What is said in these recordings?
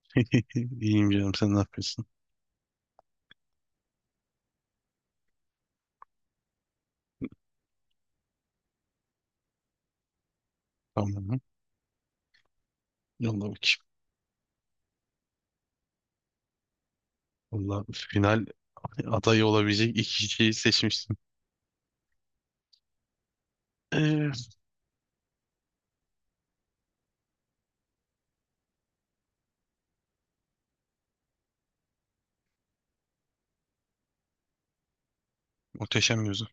İyiyim canım, sen ne yapıyorsun? Tamam. Yolla bakayım. Valla final adayı olabilecek iki kişiyi seçmişsin. Ee, muhteşem yüzü.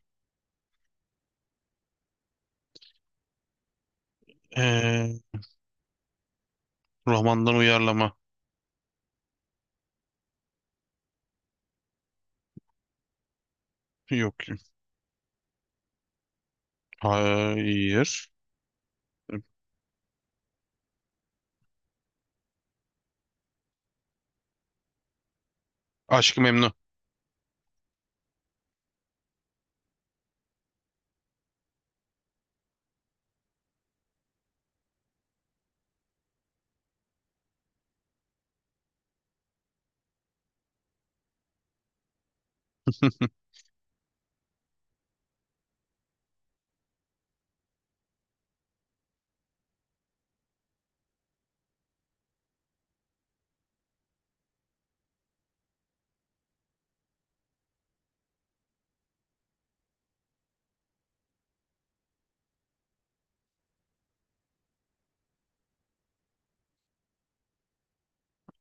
Ee, romandan uyarlama. Yok. Hayır. Aşk-ı Memnu.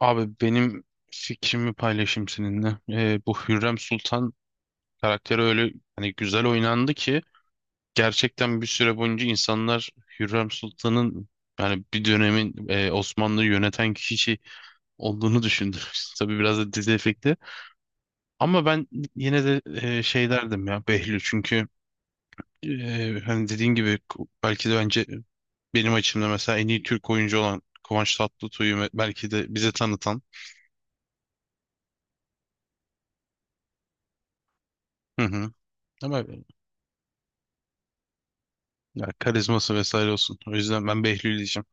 Abi, benim fikrimi paylaşayım seninle. Bu Hürrem Sultan karakteri öyle hani güzel oynandı ki gerçekten bir süre boyunca insanlar Hürrem Sultan'ın, yani bir dönemin Osmanlı'yı yöneten kişi olduğunu düşündüm. Tabii biraz da dizi efekti. Ama ben yine de şey derdim ya, Behlül, çünkü hani dediğin gibi belki de bence benim açımda mesela en iyi Türk oyuncu olan Kıvanç Tatlıtuğu belki de bize tanıtan. Hı hı. Ama ya, karizması vesaire olsun. O yüzden ben Behlül diyeceğim.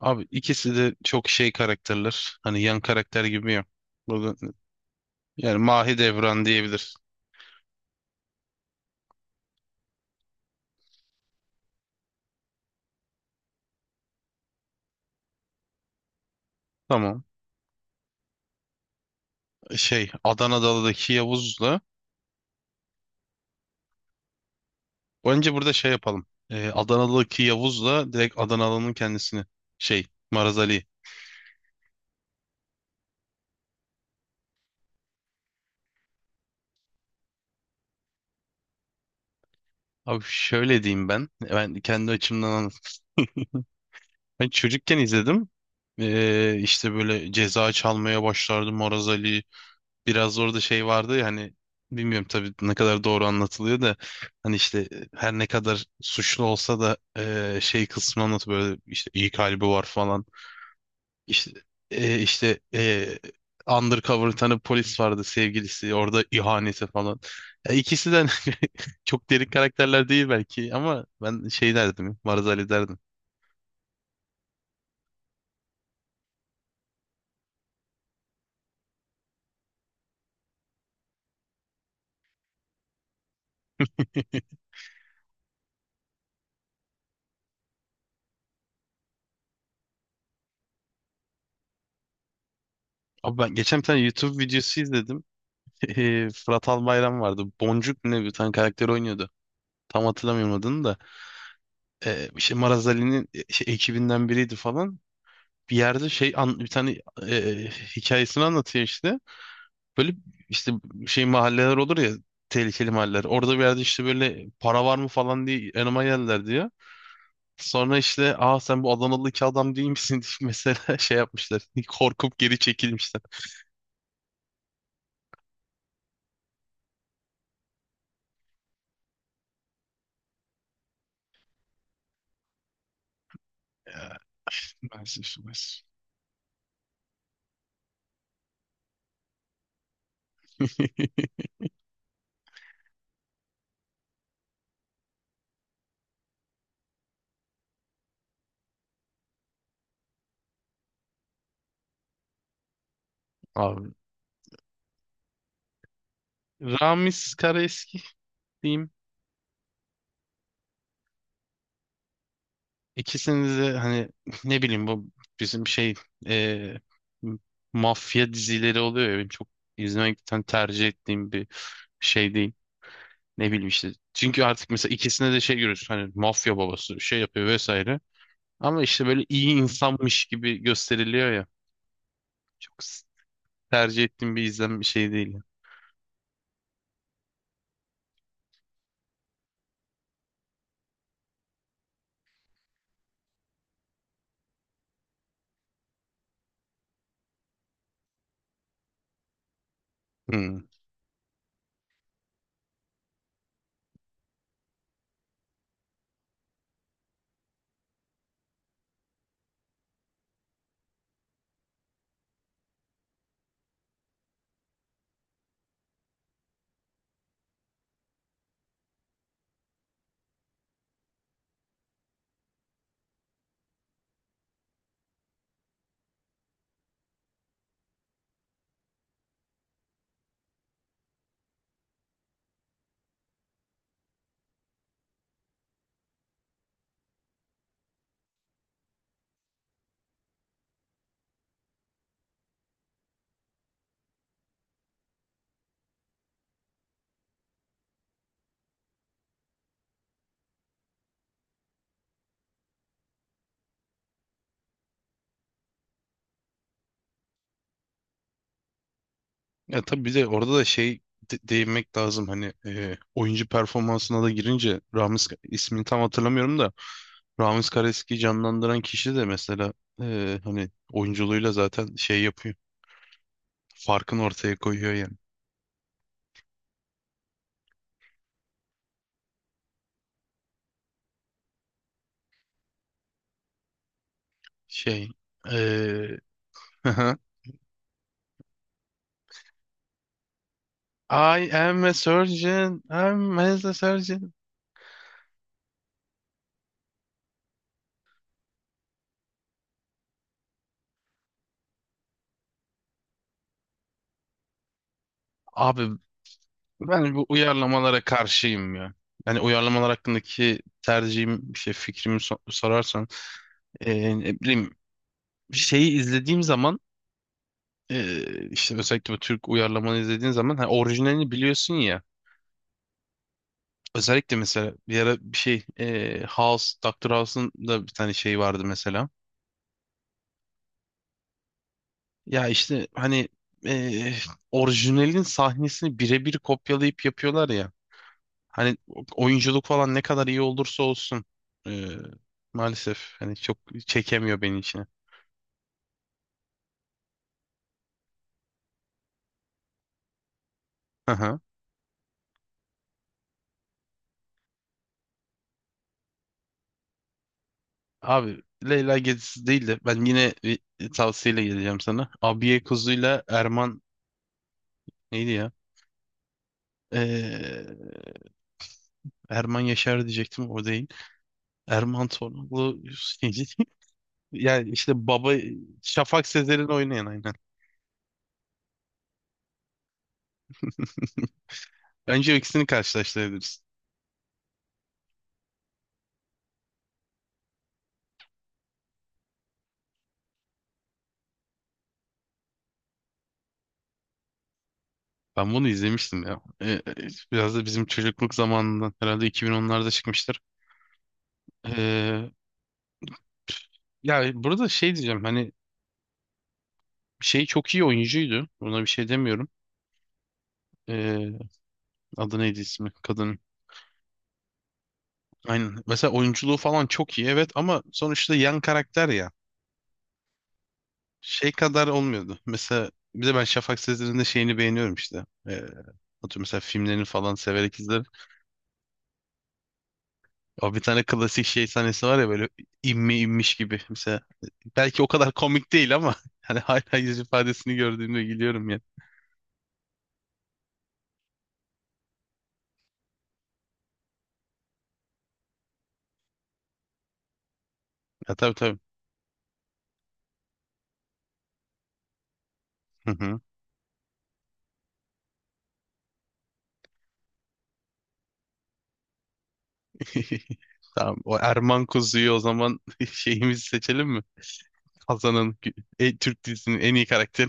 Abi, ikisi de çok şey karakterler. Hani yan karakter gibi ya. Burada, yani Mahidevran diyebilir. Tamam. Şey Adana'daki Yavuz'la önce burada şey yapalım. Adanalı'daki Yavuz'la direkt Adanalı'nın kendisini. Şey, Maraz Ali. Abi şöyle diyeyim ben. Ben kendi açımdan anlatayım. Ben çocukken izledim. İşte böyle ceza çalmaya başlardı Maraz Ali. Biraz orada şey vardı ya, hani bilmiyorum tabii ne kadar doğru anlatılıyor da hani işte her ne kadar suçlu olsa da şey kısmını anlatıyor böyle, işte iyi kalbi var falan. İşte e, işte e, undercover bir tane polis vardı, sevgilisi, orada ihaneti falan. Ya, ikisi de çok derin karakterler değil belki ama ben şey derdim, Marzali derdim. Abi, ben geçen bir tane YouTube videosu izledim. E, Fırat Albayram vardı. Boncuk mu ne bir tane karakter oynuyordu. Tam hatırlamıyorum adını da. E, işte Marazali'nin şey, ekibinden biriydi falan. Bir yerde şey an, bir tane hikayesini anlatıyor işte. Böyle işte şey mahalleler olur ya, tehlikeli mahalleler. Orada bir yerde işte böyle para var mı falan diye yanıma geldiler diyor. Sonra işte, aa, sen bu Adanalı iki adam değil misin diye mesela şey yapmışlar. Korkup geri çekilmişler. Ya, maalesef maalesef. Abi. Ramiz Karaeski diyeyim. İkisini de hani ne bileyim, bu bizim şey e, mafya dizileri oluyor ya, benim çok izlemekten tercih ettiğim bir şey değil. Ne bileyim işte. Çünkü artık mesela ikisine de şey görüyorsun, hani mafya babası şey yapıyor vesaire. Ama işte böyle iyi insanmış gibi gösteriliyor ya. Çok s- Tercih ettiğim bir izlem bir şey değil. Hmm. Ya tabii, bir de orada da şey değinmek lazım, hani oyuncu performansına da girince Ramiz ismini tam hatırlamıyorum da Ramiz Kareski'yi canlandıran kişi de mesela hani oyunculuğuyla zaten şey yapıyor. Farkını ortaya koyuyor yani. Şey. eee, I am a surgeon. I'm as a surgeon. Abi, ben bu uyarlamalara karşıyım ya. Yani uyarlamalar hakkındaki tercihim, şey fikrimi sorarsan, ne bileyim şeyi izlediğim zaman, işte özellikle bu Türk uyarlamanı izlediğin zaman hani orijinalini biliyorsun ya. Özellikle mesela bir ara bir şey House, Dr. House'un da bir tane şey vardı mesela. Ya işte hani eee, orijinalin sahnesini birebir kopyalayıp yapıyorlar ya. Hani oyunculuk falan ne kadar iyi olursa olsun eee, maalesef hani çok çekemiyor beni içine. Aha. Abi Leyla Gezisi değil de ben yine bir tavsiyeyle geleceğim sana. Abiye Kuzu'yla Erman neydi ya? Eee, Erman Yaşar diyecektim, o değil. Erman Torunlu yani işte baba Şafak Sezer'in oynayan, aynen. Bence ikisini karşılaştırabiliriz. Ben bunu izlemiştim ya. Biraz da bizim çocukluk zamanından herhalde 2010'larda çıkmıştır. Ee, ya burada şey diyeceğim, hani şey çok iyi oyuncuydu. Buna bir şey demiyorum. Ee, adı neydi ismi? Kadın. Aynen. Mesela oyunculuğu falan çok iyi, evet, ama sonuçta yan karakter ya. Şey kadar olmuyordu. Mesela bir de ben Şafak Sezer'in de şeyini beğeniyorum işte. Atıyorum mesela filmlerini falan severek izlerim. O bir tane klasik şey sahnesi var ya, böyle inme inmiş gibi. Mesela belki o kadar komik değil ama hani hala yüz ifadesini gördüğümde gülüyorum ya. Ya tabii tabii. Hı hı. Tamam. O Erman Kuzu'yu o zaman şeyimizi seçelim mi? Kazanın Türk dizisinin en iyi karakteri.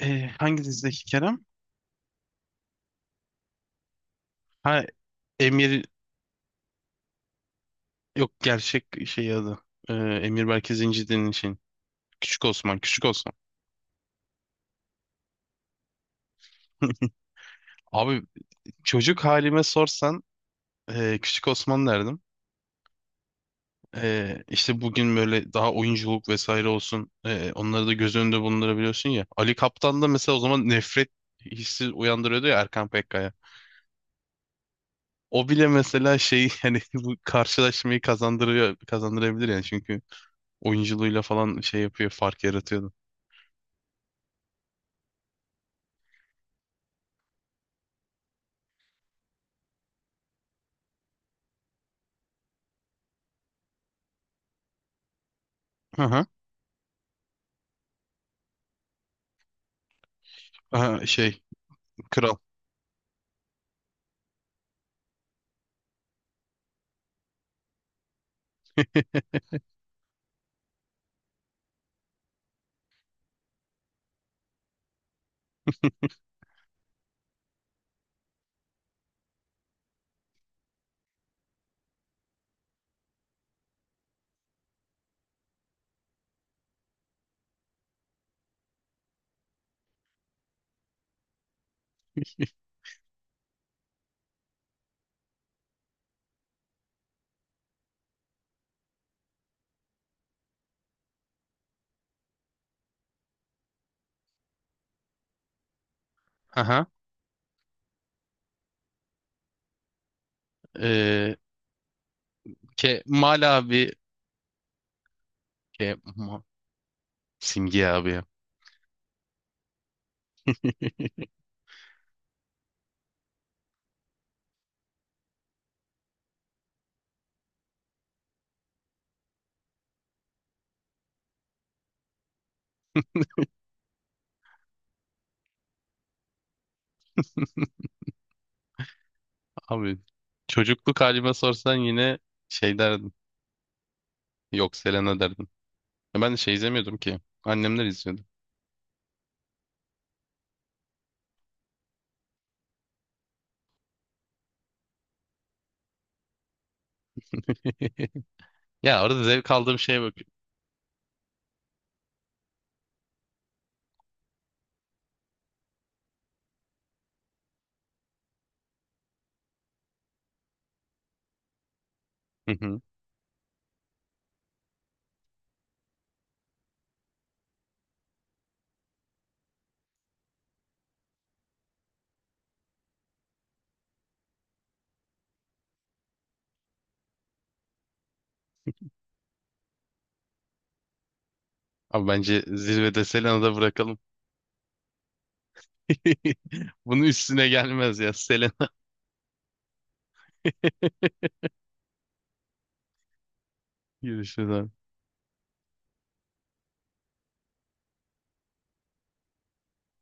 E, hangi dizideki Kerem? Ha, Emir, yok, gerçek şey adı. E, Emir Berke Zincirli'nin şeyin. Küçük Osman, Küçük Osman. Abi, çocuk halime sorsan Küçük Osman derdim. İşte bugün böyle daha oyunculuk vesaire olsun. Onları da göz önünde bulundurabiliyorsun ya. Ali Kaptan da mesela o zaman nefret hissi uyandırıyordu ya Erkan Pekka'ya. O bile mesela şey hani bu karşılaşmayı kazandırıyor, kazandırabilir yani çünkü oyunculuğuyla falan şey yapıyor, fark yaratıyordu. Hı hı. Aha, şey kral. Hı hı. Ee, Ke Mal abi, Ke Ma- Simge abi ya. Abi, çocukluk halime sorsan yine şey derdim. Yok, Selena derdim. Ben de şey izlemiyordum ki. Annemler izliyordu. Ya, orada zevk aldığım şeye bak. Hı hı. Abi bence zirvede Selena'da bırakalım. Bunun üstüne gelmez ya Selena. Görüşürüz abi.